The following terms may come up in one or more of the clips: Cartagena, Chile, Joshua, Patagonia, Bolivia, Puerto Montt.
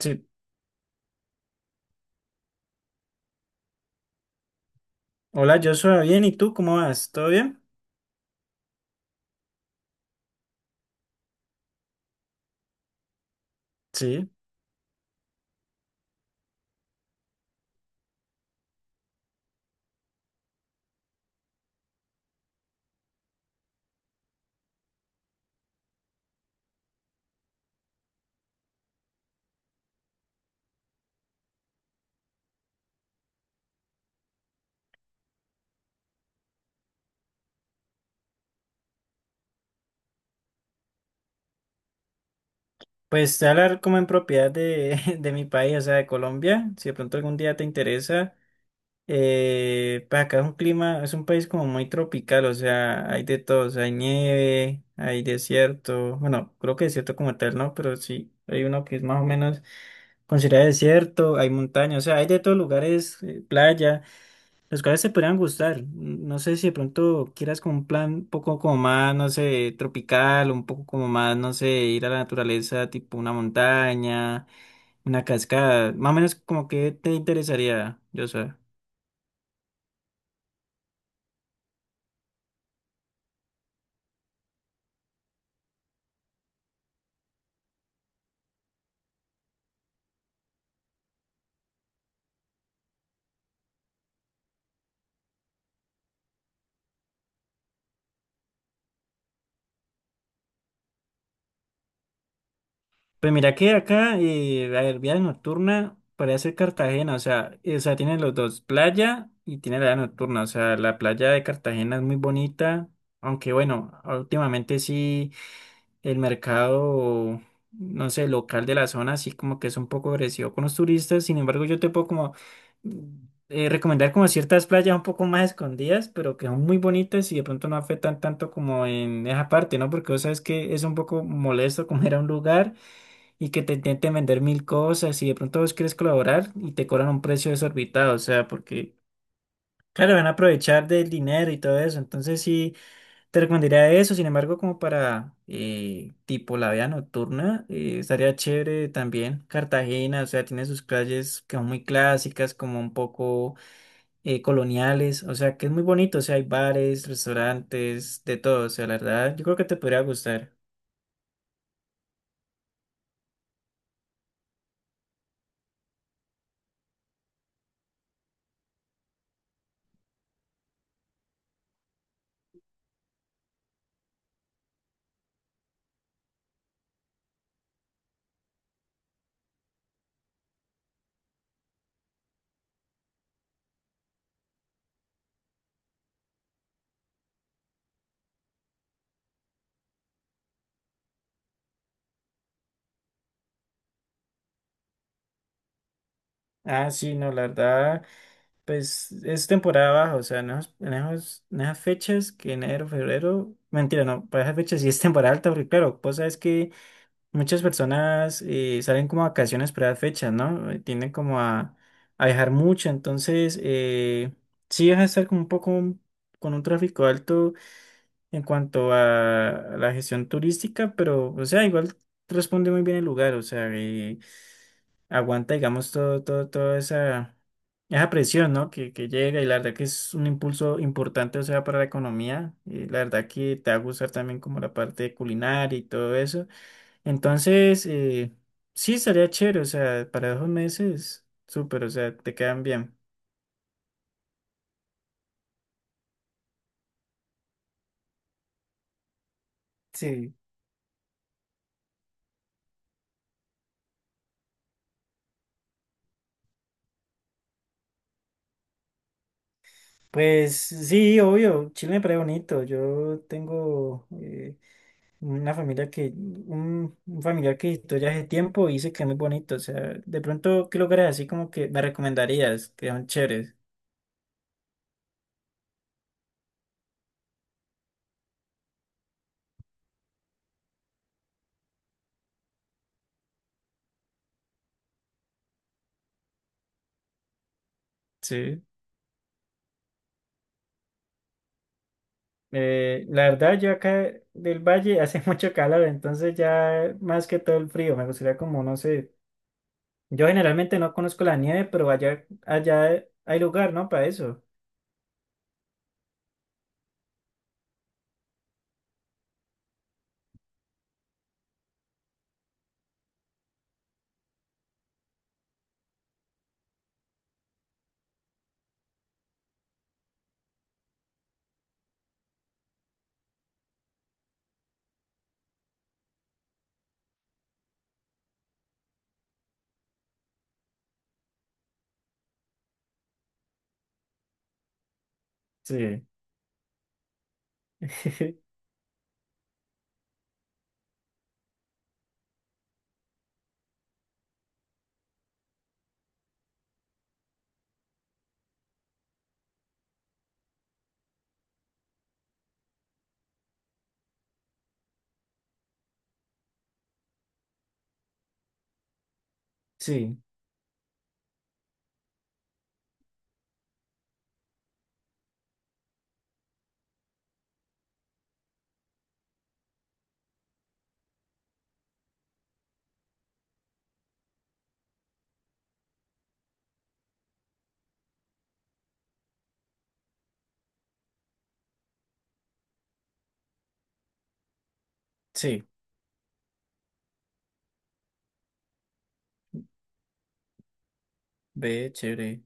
Sí. Hola, yo soy bien. ¿Y tú cómo vas? ¿Todo bien? Sí. Pues te voy a hablar como en propiedad de, de mi país, o sea, de Colombia. Si de pronto algún día te interesa, pues acá es un clima, es un país como muy tropical, o sea, hay de todo, o sea, hay nieve, hay desierto. Bueno, creo que desierto como tal, ¿no? Pero sí, hay uno que es más o menos considerado desierto, hay montaña, o sea, hay de todos lugares, playa. Los cuales te podrían gustar. No sé si de pronto quieras como un plan un poco como más, no sé, tropical, un poco como más, no sé, ir a la naturaleza, tipo una montaña, una cascada. Más o menos como que te interesaría, yo sé. Pues mira que acá, a ver, vida nocturna podría ser Cartagena, o sea, tiene los dos, playa y tiene la vida nocturna. O sea, la playa de Cartagena es muy bonita, aunque bueno, últimamente sí, el mercado, no sé, local de la zona, así como que es un poco agresivo con los turistas. Sin embargo, yo te puedo como mm, recomendar como ciertas playas un poco más escondidas, pero que son muy bonitas y de pronto no afectan tanto como en esa parte, ¿no? Porque vos sabes que es un poco molesto como ir a un lugar y que te intenten vender mil cosas y de pronto vos quieres colaborar y te cobran un precio desorbitado, o sea, porque. Claro, van a aprovechar del dinero y todo eso. Entonces sí, te recomendaría eso, sin embargo, como para tipo la vida nocturna, estaría chévere también Cartagena, o sea, tiene sus calles que son muy clásicas, como un poco coloniales, o sea, que es muy bonito, o sea, hay bares, restaurantes, de todo, o sea, la verdad, yo creo que te podría gustar. Ah, sí, no, la verdad, pues es temporada baja, o sea, en esas fechas que enero, febrero, mentira, no, para esas fechas sí es temporada alta, porque claro, vos sabes que muchas personas salen como a vacaciones para las fechas, ¿no? Tienden como a, viajar mucho, entonces sí vas a estar como un poco con un tráfico alto en cuanto a, la gestión turística, pero o sea, igual responde muy bien el lugar, o sea, aguanta, digamos, todo, todo, esa presión, ¿no? Que llega y la verdad que es un impulso importante, o sea, para la economía, y la verdad que te va a gustar también como la parte culinaria y todo eso. Entonces, sí, estaría chévere, o sea, para 2 meses, súper, o sea, te quedan bien. Sí, pues sí, obvio, Chile me parece bonito. Yo tengo una familia un familiar que visitó ya hace tiempo y dice que es muy bonito. O sea, de pronto, ¿qué lugares así como que me recomendarías? Que son chéveres. Sí. La verdad, yo acá del valle hace mucho calor, entonces ya más que todo el frío, me gustaría como, no sé. Yo generalmente no conozco la nieve, pero allá hay lugar, ¿no? Para eso. Sí. Sí, sí. Ve, chévere.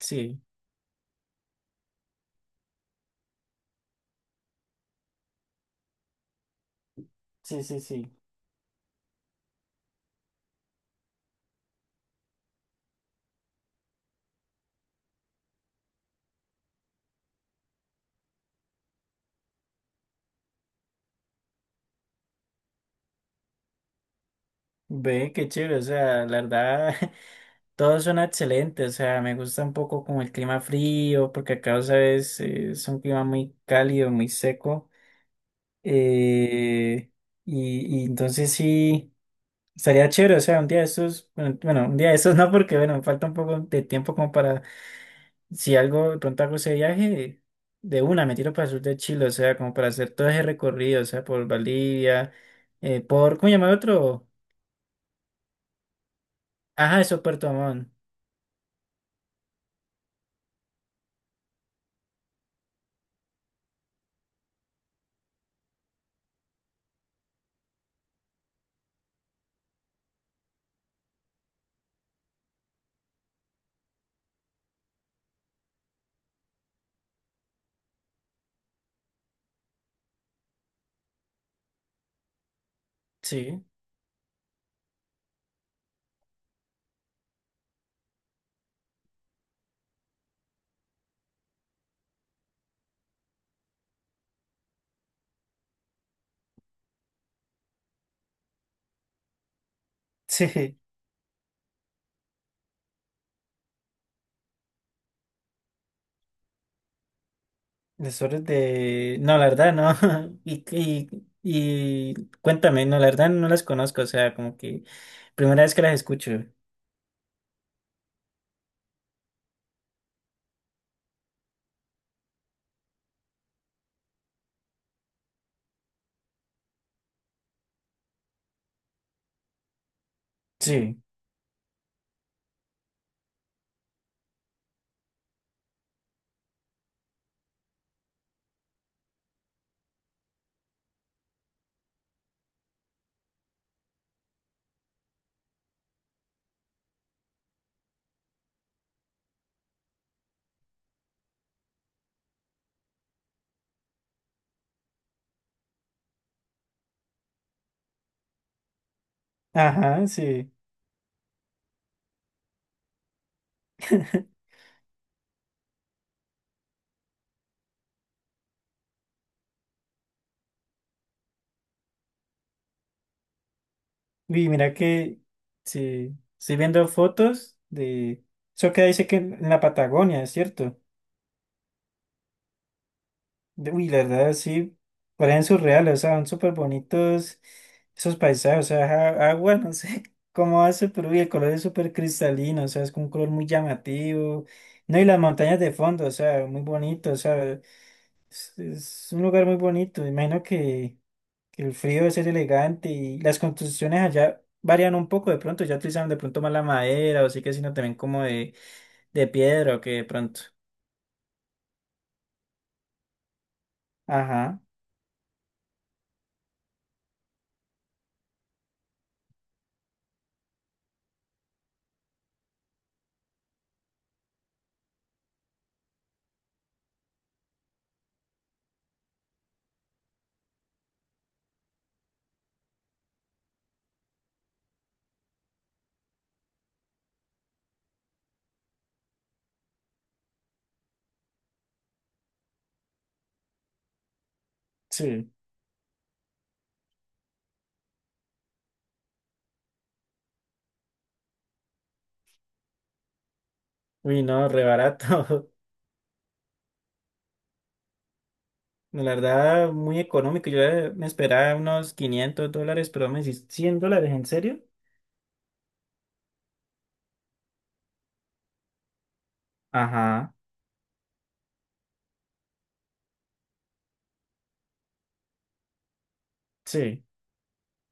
Sí, sí, sí, sí. Ve, qué chévere. O sea, la verdad, todos son excelentes. O sea, me gusta un poco como el clima frío, porque acá, ¿sabes? Es un clima muy cálido, muy seco. Eh, y entonces sí. Estaría chévere, o sea, un día de estos, bueno, bueno, un día de estos no, porque bueno, me falta un poco de tiempo como para si algo, de pronto hago ese viaje, de una me tiro para el sur de Chile, o sea, como para hacer todo ese recorrido, o sea, por Bolivia, por, ¿cómo llamar otro? Ajá, eso, Puerto Montt, sí, sí, desorden de, no, la verdad, no, y cuéntame, no, la verdad no las conozco, o sea, como que primera vez que las escucho, sí, ajá, sí, y mira que, sí, estoy viendo fotos de, eso que dice que en la Patagonia, ¿es cierto? Uy, la verdad, sí, parecen surreales, o sea, son súper bonitos esos paisajes, o sea, agua, no sé cómo hace, pero uy, el color es súper cristalino, o sea, es con un color muy llamativo, no, y las montañas de fondo, o sea, muy bonito, o sea, es un lugar muy bonito, me imagino que, el frío debe ser elegante y las construcciones allá varían un poco de pronto, ya utilizan de pronto más la madera, o sí que sino también como de, piedra o que de pronto, ajá, sí, uy, no, re barato. La verdad, muy económico. Yo me esperaba unos 500 dólares, pero me decís 100 dólares, ¿en serio? Ajá, sí,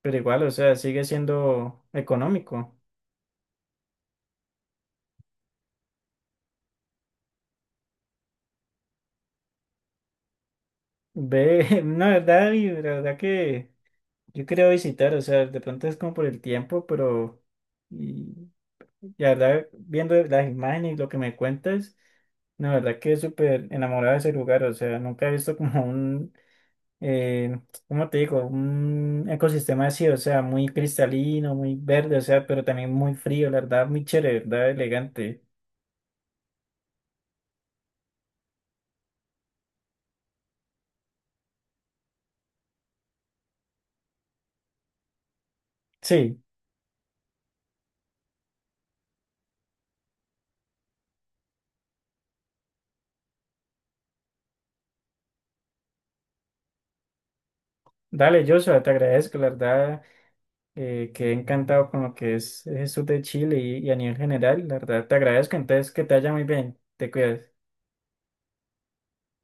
pero igual, o sea, sigue siendo económico. Ve, no, verdad, y la verdad que yo quería visitar, o sea, de pronto es como por el tiempo, pero y, la verdad, viendo las imágenes y lo que me cuentas, la verdad que es súper enamorado de ese lugar, o sea, nunca he visto como un eh, ¿cómo te digo? Un ecosistema así, o sea, muy cristalino, muy verde, o sea, pero también muy frío, la verdad, muy chévere, la verdad, elegante. Sí, dale, Joshua, te agradezco, la verdad, quedé encantado con lo que es el sur de Chile y, a nivel general, la verdad, te agradezco, entonces que te vaya muy bien, te cuidas.